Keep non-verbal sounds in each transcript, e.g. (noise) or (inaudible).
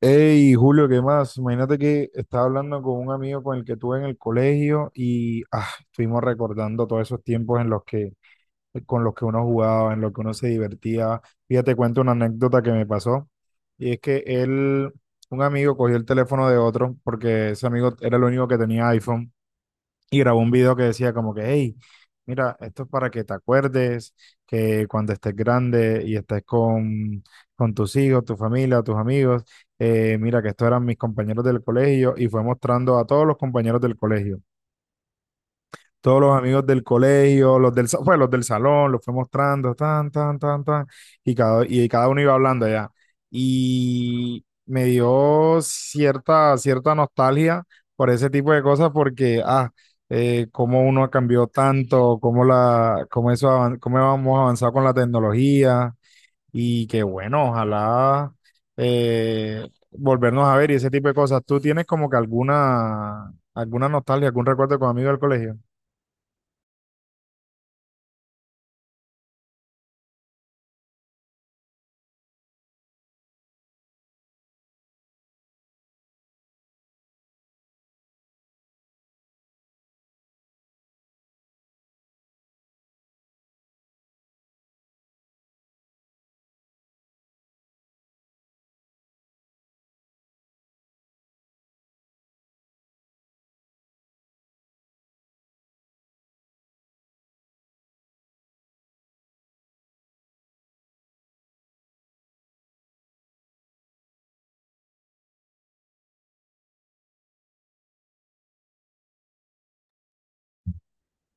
Hey, Julio, ¿qué más? Imagínate que estaba hablando con un amigo con el que tuve en el colegio y estuvimos recordando todos esos tiempos con los que uno jugaba, en los que uno se divertía. Fíjate, cuento una anécdota que me pasó y es que un amigo cogió el teléfono de otro porque ese amigo era el único que tenía iPhone y grabó un video que decía como que, hey, mira, esto es para que te acuerdes que cuando estés grande y estés con tus hijos, tu familia, tus amigos, mira que estos eran mis compañeros del colegio y fue mostrando a todos los compañeros del colegio todos los amigos del colegio, pues, los del salón, los fue mostrando, tan, tan, tan, tan, y cada uno iba hablando allá. Y me dio cierta nostalgia por ese tipo de cosas porque, cómo uno cambió tanto, cómo, la, cómo, eso, avan- cómo hemos avanzado con la tecnología y que bueno, ojalá volvernos a ver y ese tipo de cosas. ¿Tú tienes como que alguna nostalgia, algún recuerdo con amigos del colegio?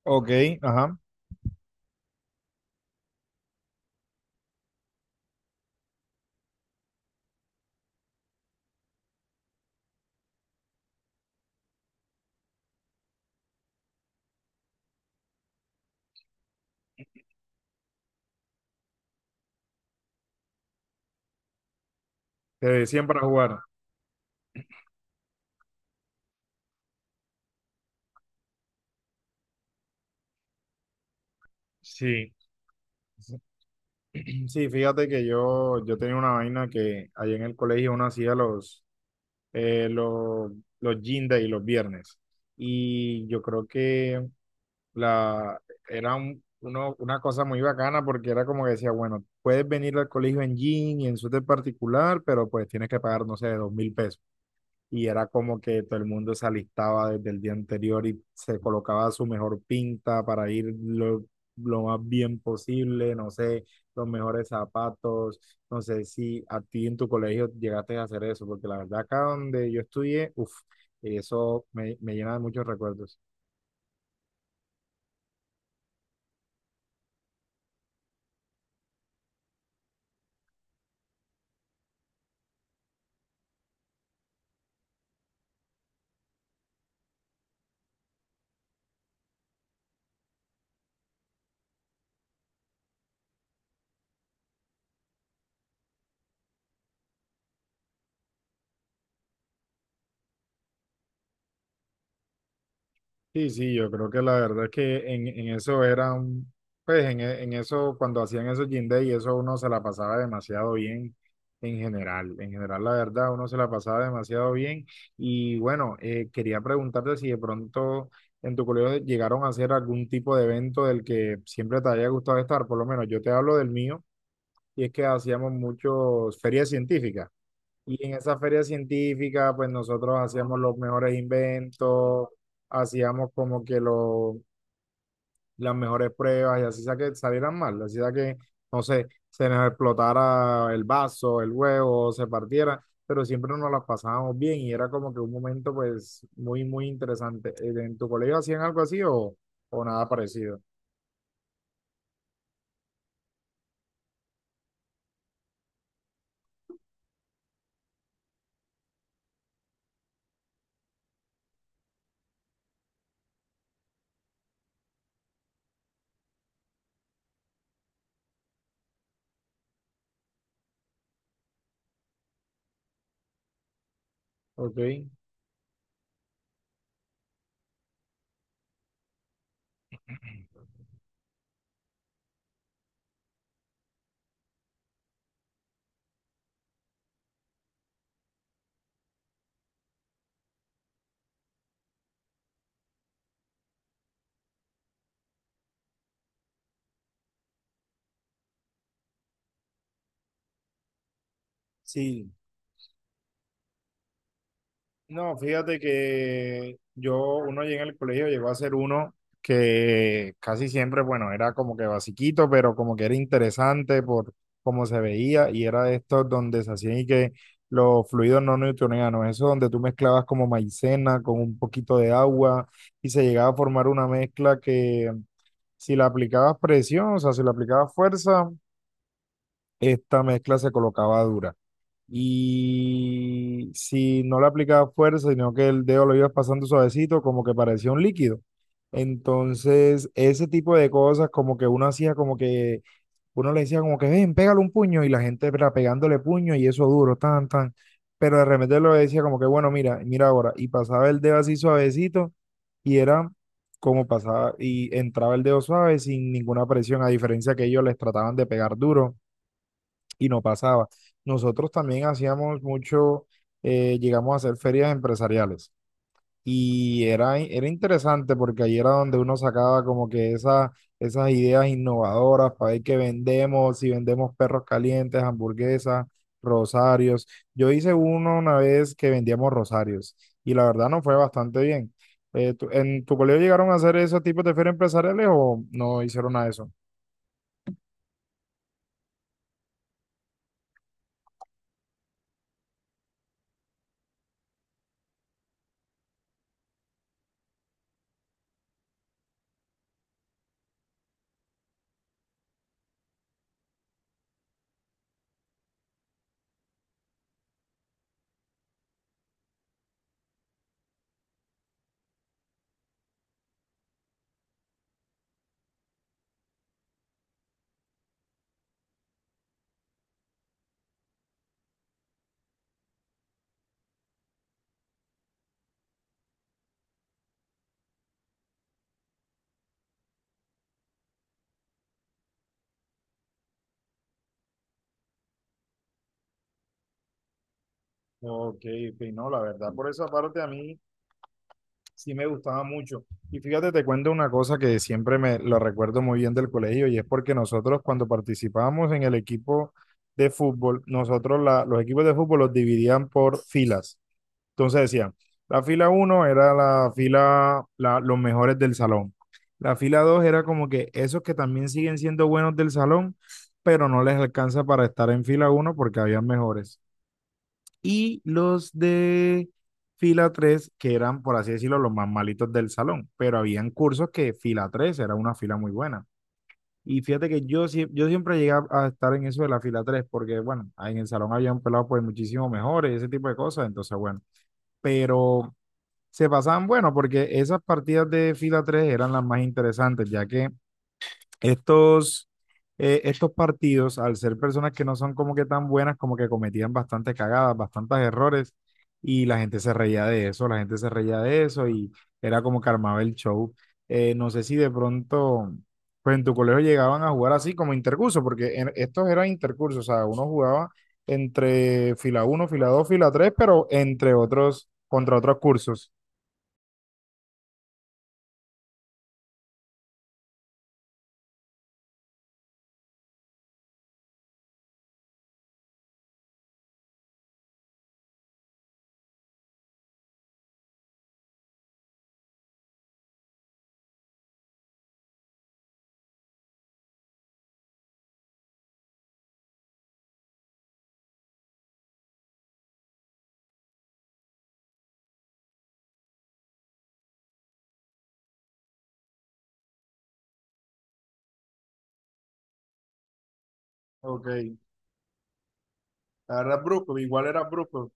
Ok, ajá. Te decían para jugar. Sí. (clears throat) Sí, fíjate que yo tenía una vaina que allá en el colegio uno hacía eh, los, los gym day los viernes. Y yo creo que la, era una cosa muy bacana porque era como que decía, bueno, puedes venir al colegio en jean y en suéter particular, pero pues tienes que pagar, no sé, 2.000 pesos. Y era como que todo el mundo se alistaba desde el día anterior y se colocaba su mejor pinta para ir lo más bien posible, no sé, los mejores zapatos, no sé si a ti en tu colegio llegaste a hacer eso, porque la verdad acá donde yo estudié, uff, eso me llena de muchos recuerdos. Sí, sí, yo creo que la verdad es que en eso eran, pues en eso, cuando hacían esos gym day, eso uno se la pasaba demasiado bien en general. En general, la verdad, uno se la pasaba demasiado bien. Y bueno, quería preguntarte si de pronto en tu colegio llegaron a hacer algún tipo de evento del que siempre te haya gustado estar, por lo menos yo te hablo del mío, y es que hacíamos muchos ferias científicas. Y en esa feria científica, pues nosotros hacíamos los mejores inventos, hacíamos como que las mejores pruebas y así sea que salieran mal, así sea que, no sé, se nos explotara el vaso, el huevo, se partiera, pero siempre nos las pasábamos bien y era como que un momento pues muy, muy interesante. ¿En tu colegio hacían algo así o nada parecido? Ok. Sí. No, fíjate que uno allí en el colegio llegó a ser uno que casi siempre, bueno, era como que basiquito, pero como que era interesante por cómo se veía y era de estos donde se hacían y que los fluidos no newtonianos, eso donde tú mezclabas como maicena con un poquito de agua y se llegaba a formar una mezcla que si la aplicabas presión, o sea, si la aplicabas fuerza, esta mezcla se colocaba dura. Y si no le aplicaba fuerza, sino que el dedo lo ibas pasando suavecito, como que parecía un líquido. Entonces, ese tipo de cosas, como que uno hacía como que, uno le decía como que, ven, pégale un puño, y la gente era pegándole puño y eso duro, tan, tan. Pero de repente lo decía como que, bueno, mira, mira ahora, y pasaba el dedo así suavecito, y era como pasaba, y entraba el dedo suave sin ninguna presión, a diferencia que ellos les trataban de pegar duro y no pasaba. Nosotros también hacíamos mucho, llegamos a hacer ferias empresariales y era interesante porque ahí era donde uno sacaba como que esas ideas innovadoras para ver qué vendemos, si vendemos perros calientes, hamburguesas, rosarios. Yo hice uno una vez que vendíamos rosarios y la verdad no fue bastante bien. ¿En tu colegio llegaron a hacer esos tipos de ferias empresariales o no hicieron nada de eso? Ok, ok, no, la verdad, por esa parte a mí, sí, me gustaba mucho. Y fíjate, te cuento una cosa que siempre me lo recuerdo muy bien del colegio y es porque nosotros cuando participábamos en el equipo de fútbol, nosotros los equipos de fútbol los dividían por filas. Entonces decían, la fila uno era los mejores del salón. La fila 2 era como que esos que también siguen siendo buenos del salón, pero no les alcanza para estar en fila uno porque había mejores y los de fila 3 que eran, por así decirlo, los más malitos del salón, pero habían cursos que fila 3 era una fila muy buena. Y fíjate que yo siempre llegué a estar en eso de la fila 3 porque bueno, en el salón habían pelado pues muchísimo mejores, ese tipo de cosas, entonces bueno, pero se pasaban bueno, porque esas partidas de fila 3 eran las más interesantes, ya que estos, estos partidos, al ser personas que no son como que tan buenas, como que cometían bastantes cagadas, bastantes errores, y la gente se reía de eso, la gente se reía de eso, y era como que armaba el show. No sé si de pronto, pues en tu colegio llegaban a jugar así como intercurso, porque estos eran intercursos, o sea, uno jugaba entre fila uno fila 2 fila 3 pero contra otros cursos. Ok, era brusco, igual era brusco.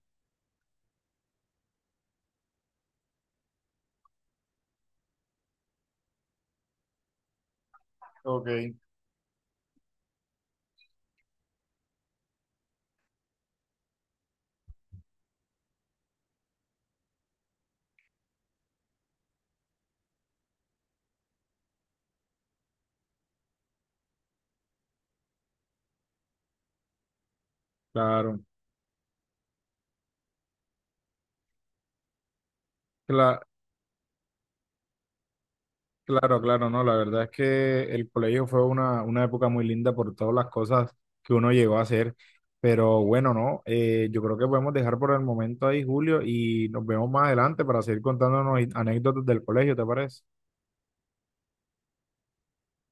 Ok. Claro, cla- Claro, claro, no, la verdad es que el colegio fue una época muy linda por todas las cosas que uno llegó a hacer, pero bueno, no, yo creo que podemos dejar por el momento ahí, Julio, y nos vemos más adelante para seguir contándonos anécdotas del colegio, ¿te parece?